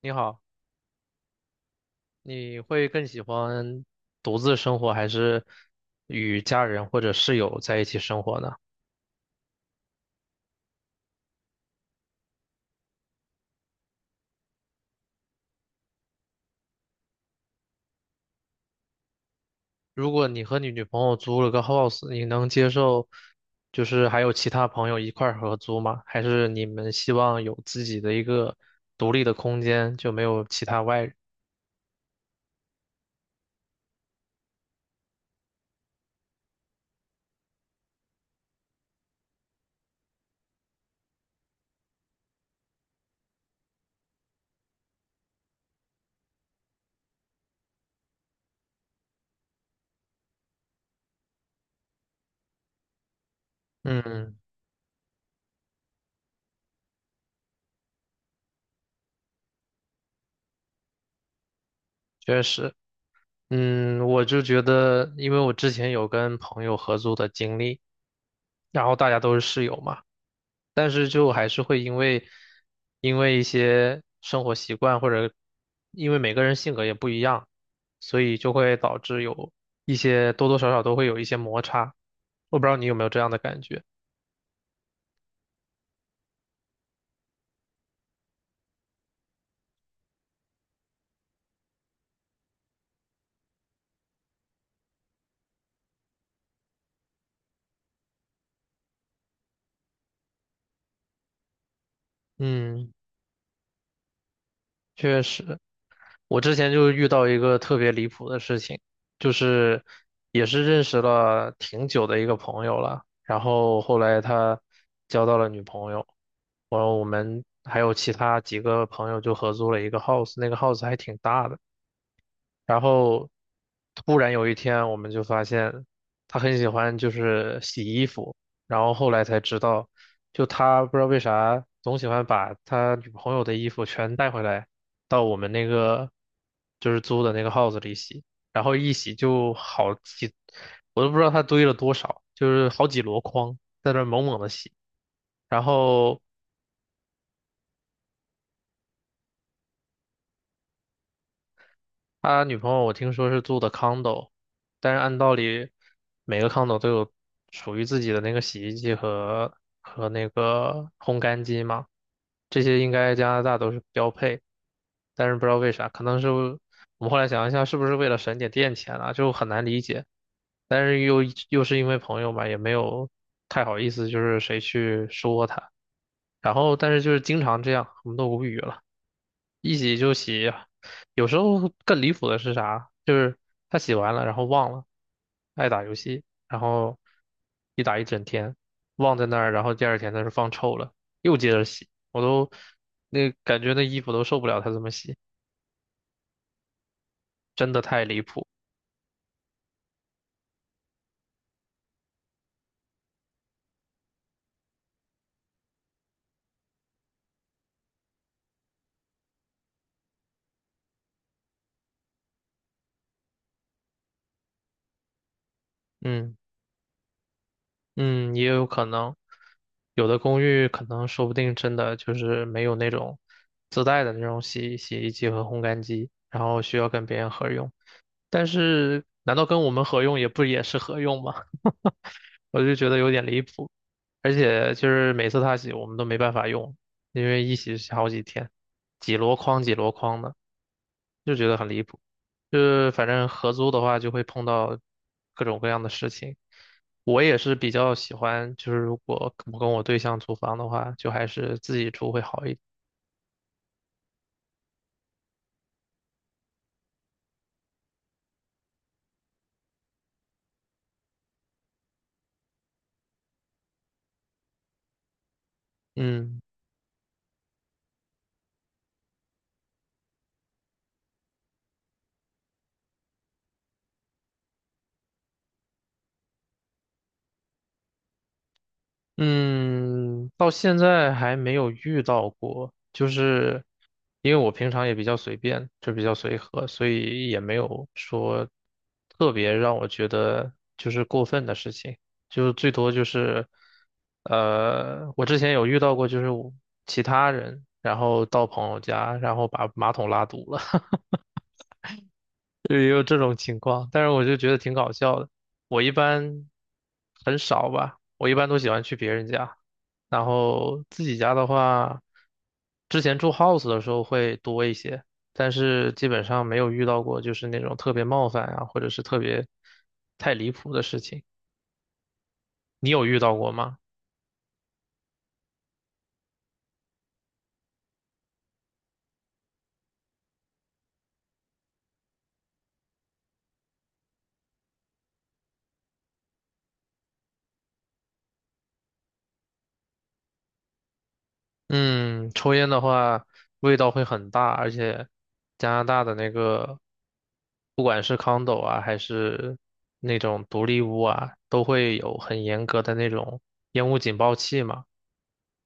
你好，你会更喜欢独自生活还是与家人或者室友在一起生活呢？如果你和你女朋友租了个 house，你能接受就是还有其他朋友一块儿合租吗？还是你们希望有自己的一个独立的空间，就没有其他外人？嗯，确实，嗯，我就觉得，因为我之前有跟朋友合租的经历，然后大家都是室友嘛。但是就还是会因为一些生活习惯或者因为每个人性格也不一样，所以就会导致有一些多多少少都会有一些摩擦。我不知道你有没有这样的感觉？嗯，确实。我之前就遇到一个特别离谱的事情，就是也是认识了挺久的一个朋友了，然后后来他交到了女朋友，然后我们还有其他几个朋友就合租了一个 house，那个 house 还挺大的。然后突然有一天，我们就发现他很喜欢就是洗衣服，然后后来才知道，就他不知道为啥总喜欢把他女朋友的衣服全带回来到我们那个就是租的那个 house 里洗，然后一洗就好几，我都不知道他堆了多少，就是好几箩筐在那儿猛猛的洗，然后。他女朋友我听说是住的 condo，但是按道理每个 condo 都有属于自己的那个洗衣机和那个烘干机嘛，这些应该加拿大都是标配，但是不知道为啥，可能是我们后来想一下，是不是为了省点电钱啊，就很难理解，但是又是因为朋友嘛，也没有太好意思，就是谁去说他，然后但是就是经常这样，我们都无语了。一洗就洗，有时候更离谱的是啥？就是他洗完了，然后忘了，爱打游戏，然后一打一整天，忘在那儿，然后第二天他是放臭了，又接着洗，我都那感觉那衣服都受不了他这么洗，真的太离谱。嗯嗯，也有可能，有的公寓可能说不定真的就是没有那种自带的那种洗衣机和烘干机，然后需要跟别人合用。但是难道跟我们合用也不也是合用吗？我就觉得有点离谱，而且就是每次他洗我们都没办法用，因为一洗是好几天，几箩筐几箩筐的，就觉得很离谱。就是反正合租的话就会碰到各种各样的事情。我也是比较喜欢，就是如果我跟我对象租房的话，就还是自己住会好一点。嗯。嗯，到现在还没有遇到过，就是因为我平常也比较随便，就比较随和，所以也没有说特别让我觉得就是过分的事情，就是最多就是，我之前有遇到过，就是我其他人，然后到朋友家，然后把马桶拉堵了。也有这种情况，但是我就觉得挺搞笑的。我一般很少吧，我一般都喜欢去别人家，然后自己家的话，之前住 house 的时候会多一些，但是基本上没有遇到过就是那种特别冒犯啊，或者是特别太离谱的事情。你有遇到过吗？嗯，抽烟的话味道会很大，而且加拿大的那个，不管是 condo 啊，还是那种独立屋啊，都会有很严格的那种烟雾警报器嘛。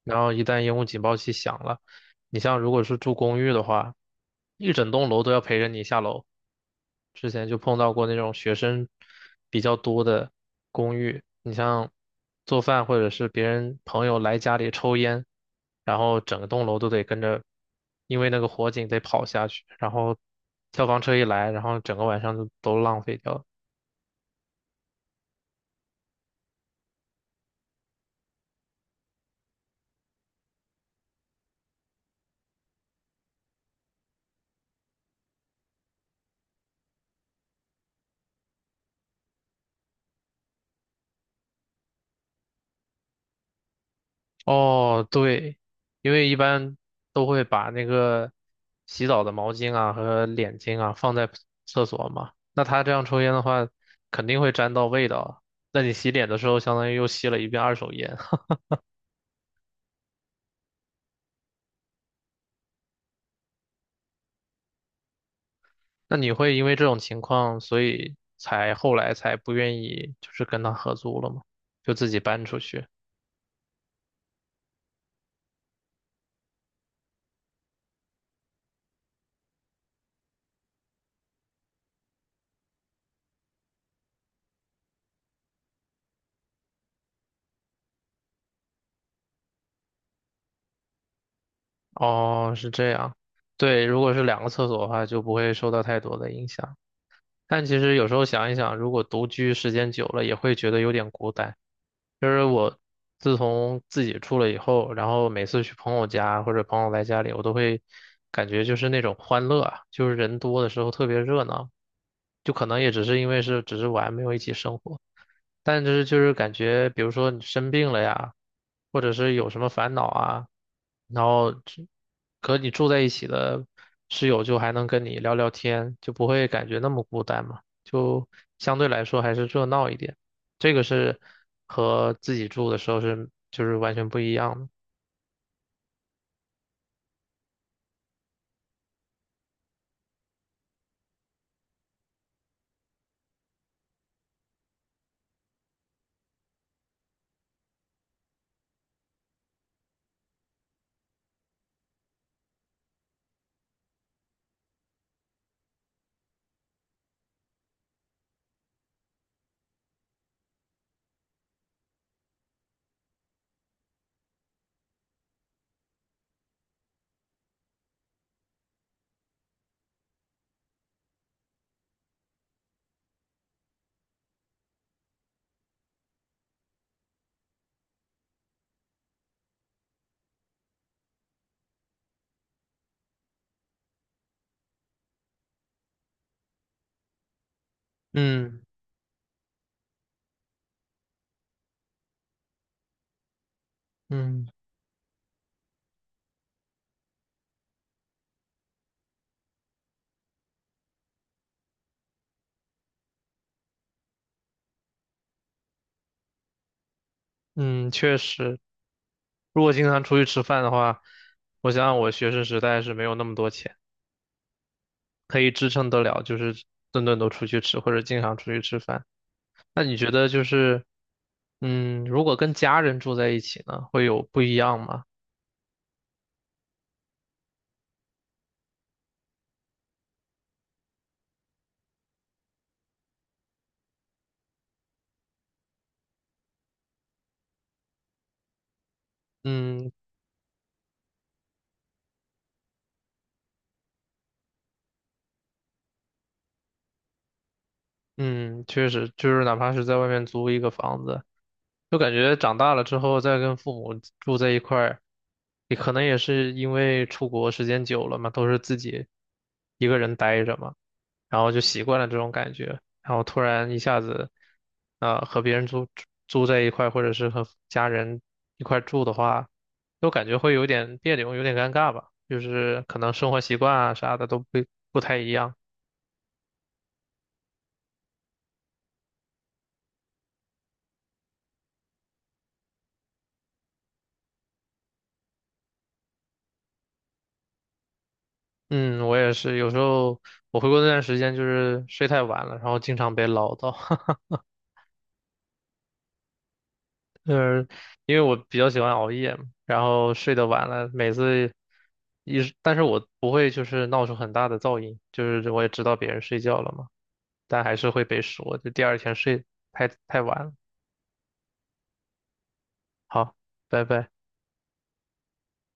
然后一旦烟雾警报器响了，你像如果是住公寓的话，一整栋楼都要陪着你下楼。之前就碰到过那种学生比较多的公寓，你像做饭或者是别人朋友来家里抽烟，然后整栋楼都得跟着，因为那个火警得跑下去，然后消防车一来，然后整个晚上就都浪费掉了。哦，对，因为一般都会把那个洗澡的毛巾啊和脸巾啊放在厕所嘛，那他这样抽烟的话，肯定会沾到味道。那你洗脸的时候，相当于又吸了一遍二手烟。那你会因为这种情况，所以才后来才不愿意就是跟他合租了吗？就自己搬出去。哦，是这样。对，如果是两个厕所的话，就不会受到太多的影响。但其实有时候想一想，如果独居时间久了，也会觉得有点孤单。就是我自从自己住了以后，然后每次去朋友家或者朋友来家里，我都会感觉就是那种欢乐啊，就是人多的时候特别热闹，就可能也只是因为是只是玩，没有一起生活。但就是感觉，比如说你生病了呀，或者是有什么烦恼啊，然后只和你住在一起的室友就还能跟你聊聊天，就不会感觉那么孤单嘛，就相对来说还是热闹一点。这个是和自己住的时候是就是完全不一样的。嗯嗯嗯，确实，如果经常出去吃饭的话，我想想我学生时代是没有那么多钱。可以支撑得了，就是顿顿都出去吃，或者经常出去吃饭。那你觉得就是，嗯，如果跟家人住在一起呢，会有不一样吗？嗯嗯，确实，就是哪怕是在外面租一个房子，就感觉长大了之后再跟父母住在一块儿，也可能也是因为出国时间久了嘛，都是自己一个人待着嘛。然后就习惯了这种感觉，然后突然一下子，和别人住在一块，或者是和家人一块住的话，就感觉会有点别扭，有点尴尬吧，就是可能生活习惯啊啥的都不太一样。嗯，我也是，有时候我回国那段时间就是睡太晚了，然后经常被唠叨，就是因为我比较喜欢熬夜嘛，然后睡得晚了，每次一，但是我不会就是闹出很大的噪音，就是我也知道别人睡觉了嘛。但还是会被说，就第二天睡太晚了。好，拜拜。